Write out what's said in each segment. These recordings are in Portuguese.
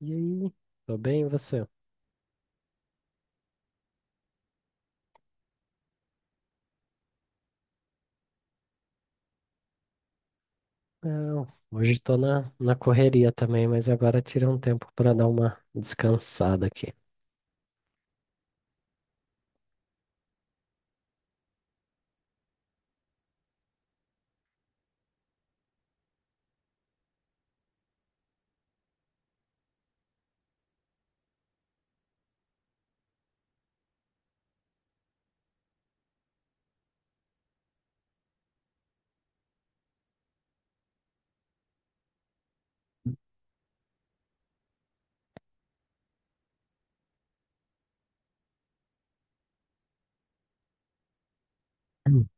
E aí? Tô bem, e você? Não, hoje tô na correria também, mas agora tirei um tempo pra dar uma descansada aqui. Hum.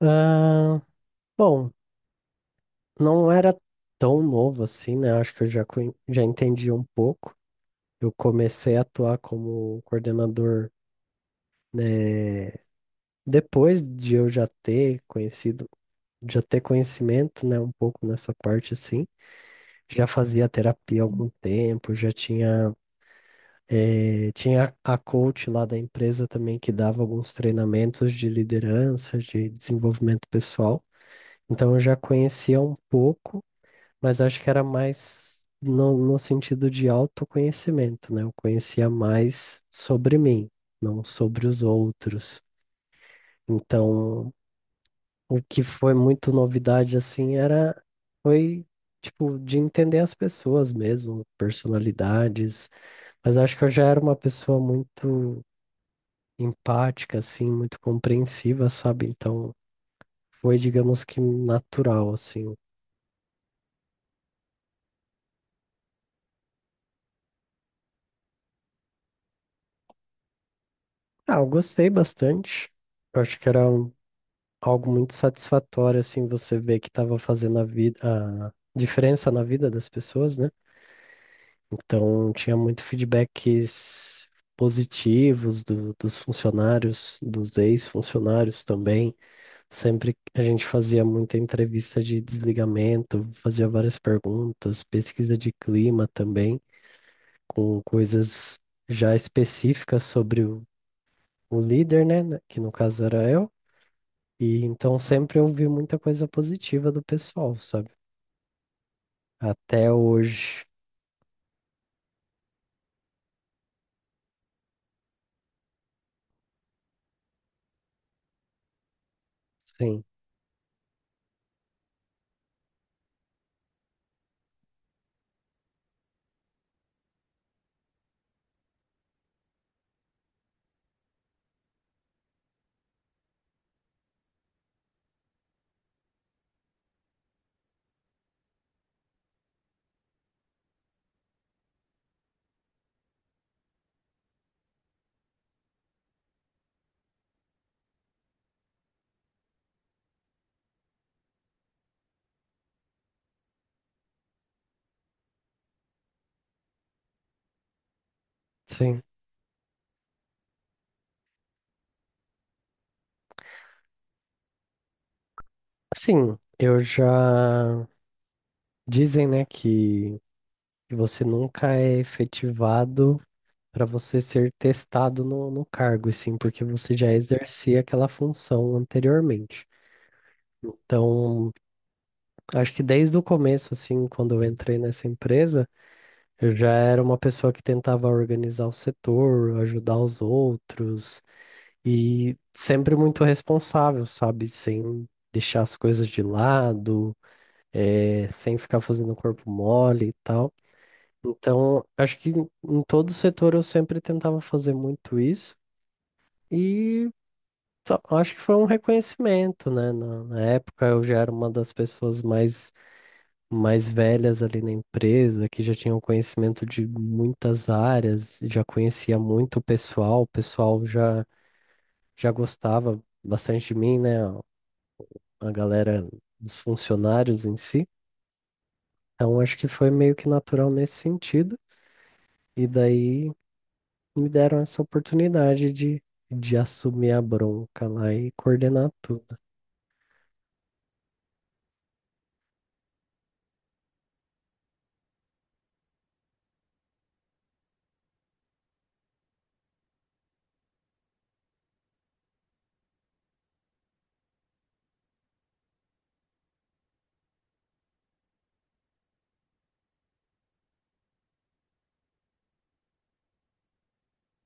Ah, bom, não era tão novo assim, né? Acho que eu já entendi um pouco. Eu comecei a atuar como coordenador, né, depois de eu já ter conhecido, já ter conhecimento, né, um pouco nessa parte assim. Já fazia terapia há algum tempo, já tinha tinha a coach lá da empresa também que dava alguns treinamentos de liderança, de desenvolvimento pessoal. Então eu já conhecia um pouco, mas acho que era mais no sentido de autoconhecimento, né? Eu conhecia mais sobre mim, não sobre os outros. Então, o que foi muito novidade assim era foi tipo de entender as pessoas mesmo, personalidades, mas acho que eu já era uma pessoa muito empática, assim, muito compreensiva, sabe? Então, foi, digamos que natural, assim. Ah, eu gostei bastante. Eu acho que era algo muito satisfatório, assim, você ver que estava fazendo a vida, a diferença na vida das pessoas, né? Então, tinha muito feedbacks positivos dos funcionários, dos ex-funcionários também. Sempre a gente fazia muita entrevista de desligamento, fazia várias perguntas, pesquisa de clima também, com coisas já específicas sobre o líder, né, que no caso era eu. E então sempre eu vi muita coisa positiva do pessoal, sabe? Até hoje. Sim, sim. Sim, eu já. Dizem, né, que você nunca é efetivado para você ser testado no cargo, e sim, porque você já exercia aquela função anteriormente. Então, acho que desde o começo, assim, quando eu entrei nessa empresa, eu já era uma pessoa que tentava organizar o setor, ajudar os outros e sempre muito responsável, sabe? Sem deixar as coisas de lado, sem ficar fazendo corpo mole e tal. Então, acho que em todo setor eu sempre tentava fazer muito isso e acho que foi um reconhecimento, né? Na época eu já era uma das pessoas mais velhas ali na empresa, que já tinham conhecimento de muitas áreas, já conhecia muito o pessoal já, já gostava bastante de mim, né? A galera dos funcionários em si. Então, acho que foi meio que natural nesse sentido. E daí me deram essa oportunidade de assumir a bronca lá e coordenar tudo.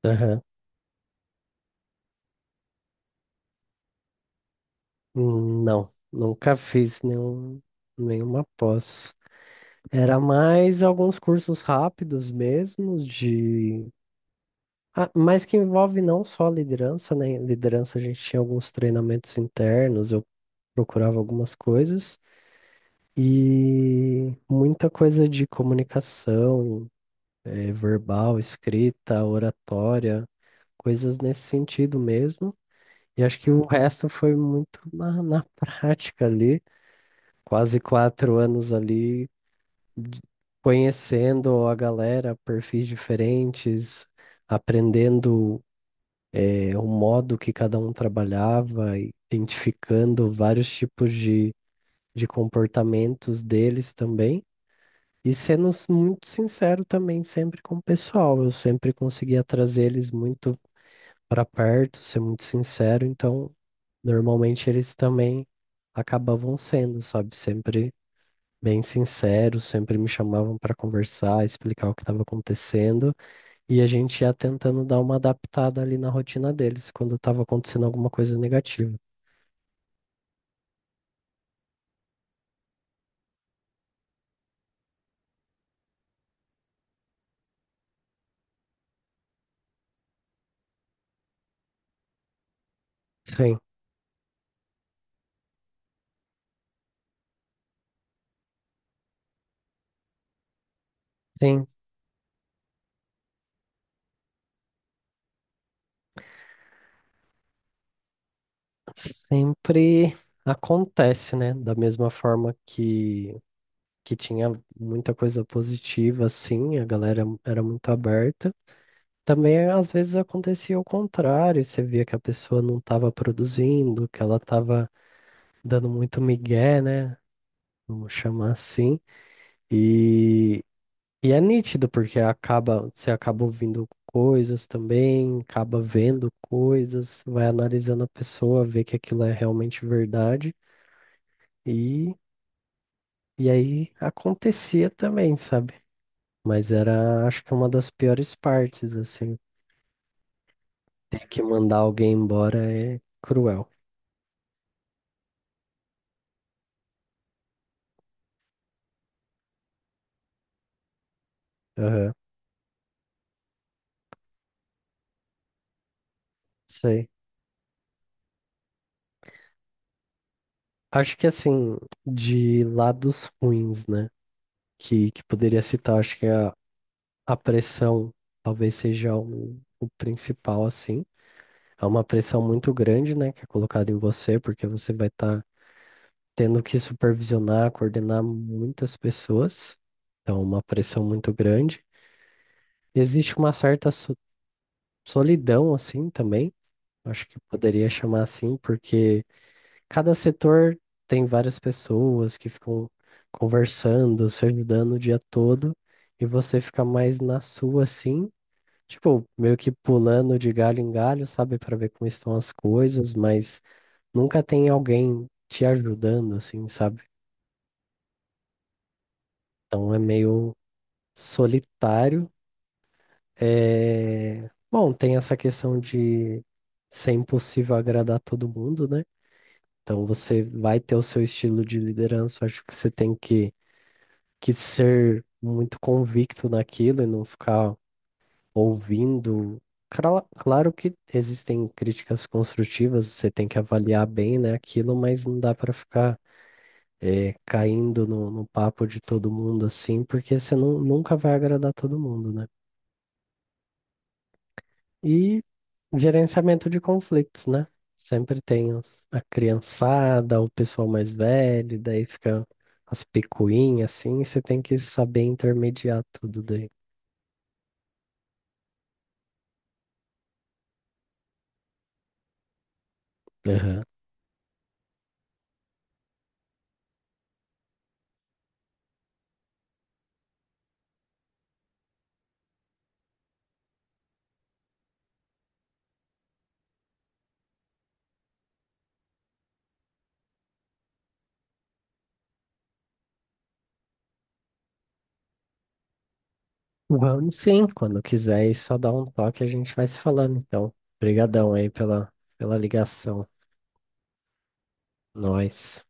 Aham. Não, nunca fiz nenhum, nenhuma pós. Era mais alguns cursos rápidos mesmo, de... ah, mas que envolve não só liderança, né? Liderança a gente tinha alguns treinamentos internos, eu procurava algumas coisas, e muita coisa de comunicação, verbal, escrita, oratória, coisas nesse sentido mesmo. E acho que o resto foi muito na prática ali, quase quatro anos ali de- conhecendo a galera, perfis diferentes, aprendendo o modo que cada um trabalhava, identificando vários tipos de comportamentos deles também. E sendo muito sincero também sempre com o pessoal, eu sempre conseguia trazer eles muito para perto, ser muito sincero, então normalmente eles também acabavam sendo, sabe? Sempre bem sinceros, sempre me chamavam para conversar, explicar o que estava acontecendo, e a gente ia tentando dar uma adaptada ali na rotina deles quando estava acontecendo alguma coisa negativa. Sim, sim, sempre acontece, né? Da mesma forma que tinha muita coisa positiva, assim, a galera era muito aberta. Também às vezes acontecia o contrário, você via que a pessoa não estava produzindo, que ela estava dando muito migué, né? Vamos chamar assim. E, e é nítido, porque acaba, você acaba ouvindo coisas também, acaba vendo coisas, vai analisando a pessoa, vê que aquilo é realmente verdade. E, e aí acontecia também, sabe? Mas era, acho que uma das piores partes, assim. Ter que mandar alguém embora é cruel. Aham, sei. Acho que assim, de lados ruins, né? Que poderia citar, acho que a pressão talvez seja o principal, assim. É uma pressão muito grande, né, que é colocada em você, porque você vai estar tendo que supervisionar, coordenar muitas pessoas. Então, é uma pressão muito grande. Existe uma certa solidão, assim, também. Acho que poderia chamar assim, porque cada setor tem várias pessoas que ficam conversando, se ajudando o dia todo, e você fica mais na sua, assim, tipo, meio que pulando de galho em galho, sabe, pra ver como estão as coisas, mas nunca tem alguém te ajudando, assim, sabe? Então é meio solitário. É... Bom, tem essa questão de ser impossível agradar todo mundo, né? Então você vai ter o seu estilo de liderança, acho que você tem que ser muito convicto naquilo e não ficar ouvindo. Claro que existem críticas construtivas, você tem que avaliar bem, né, aquilo, mas não dá para ficar caindo no papo de todo mundo assim, porque você nunca vai agradar todo mundo, né? E gerenciamento de conflitos, né? Sempre tem a criançada, o pessoal mais velho, e daí fica as picuinhas assim, você tem que saber intermediar tudo daí. Vamos sim, quando quiser, e só dá um toque, a gente vai se falando, então. Obrigadão aí pela, pela ligação. Nós.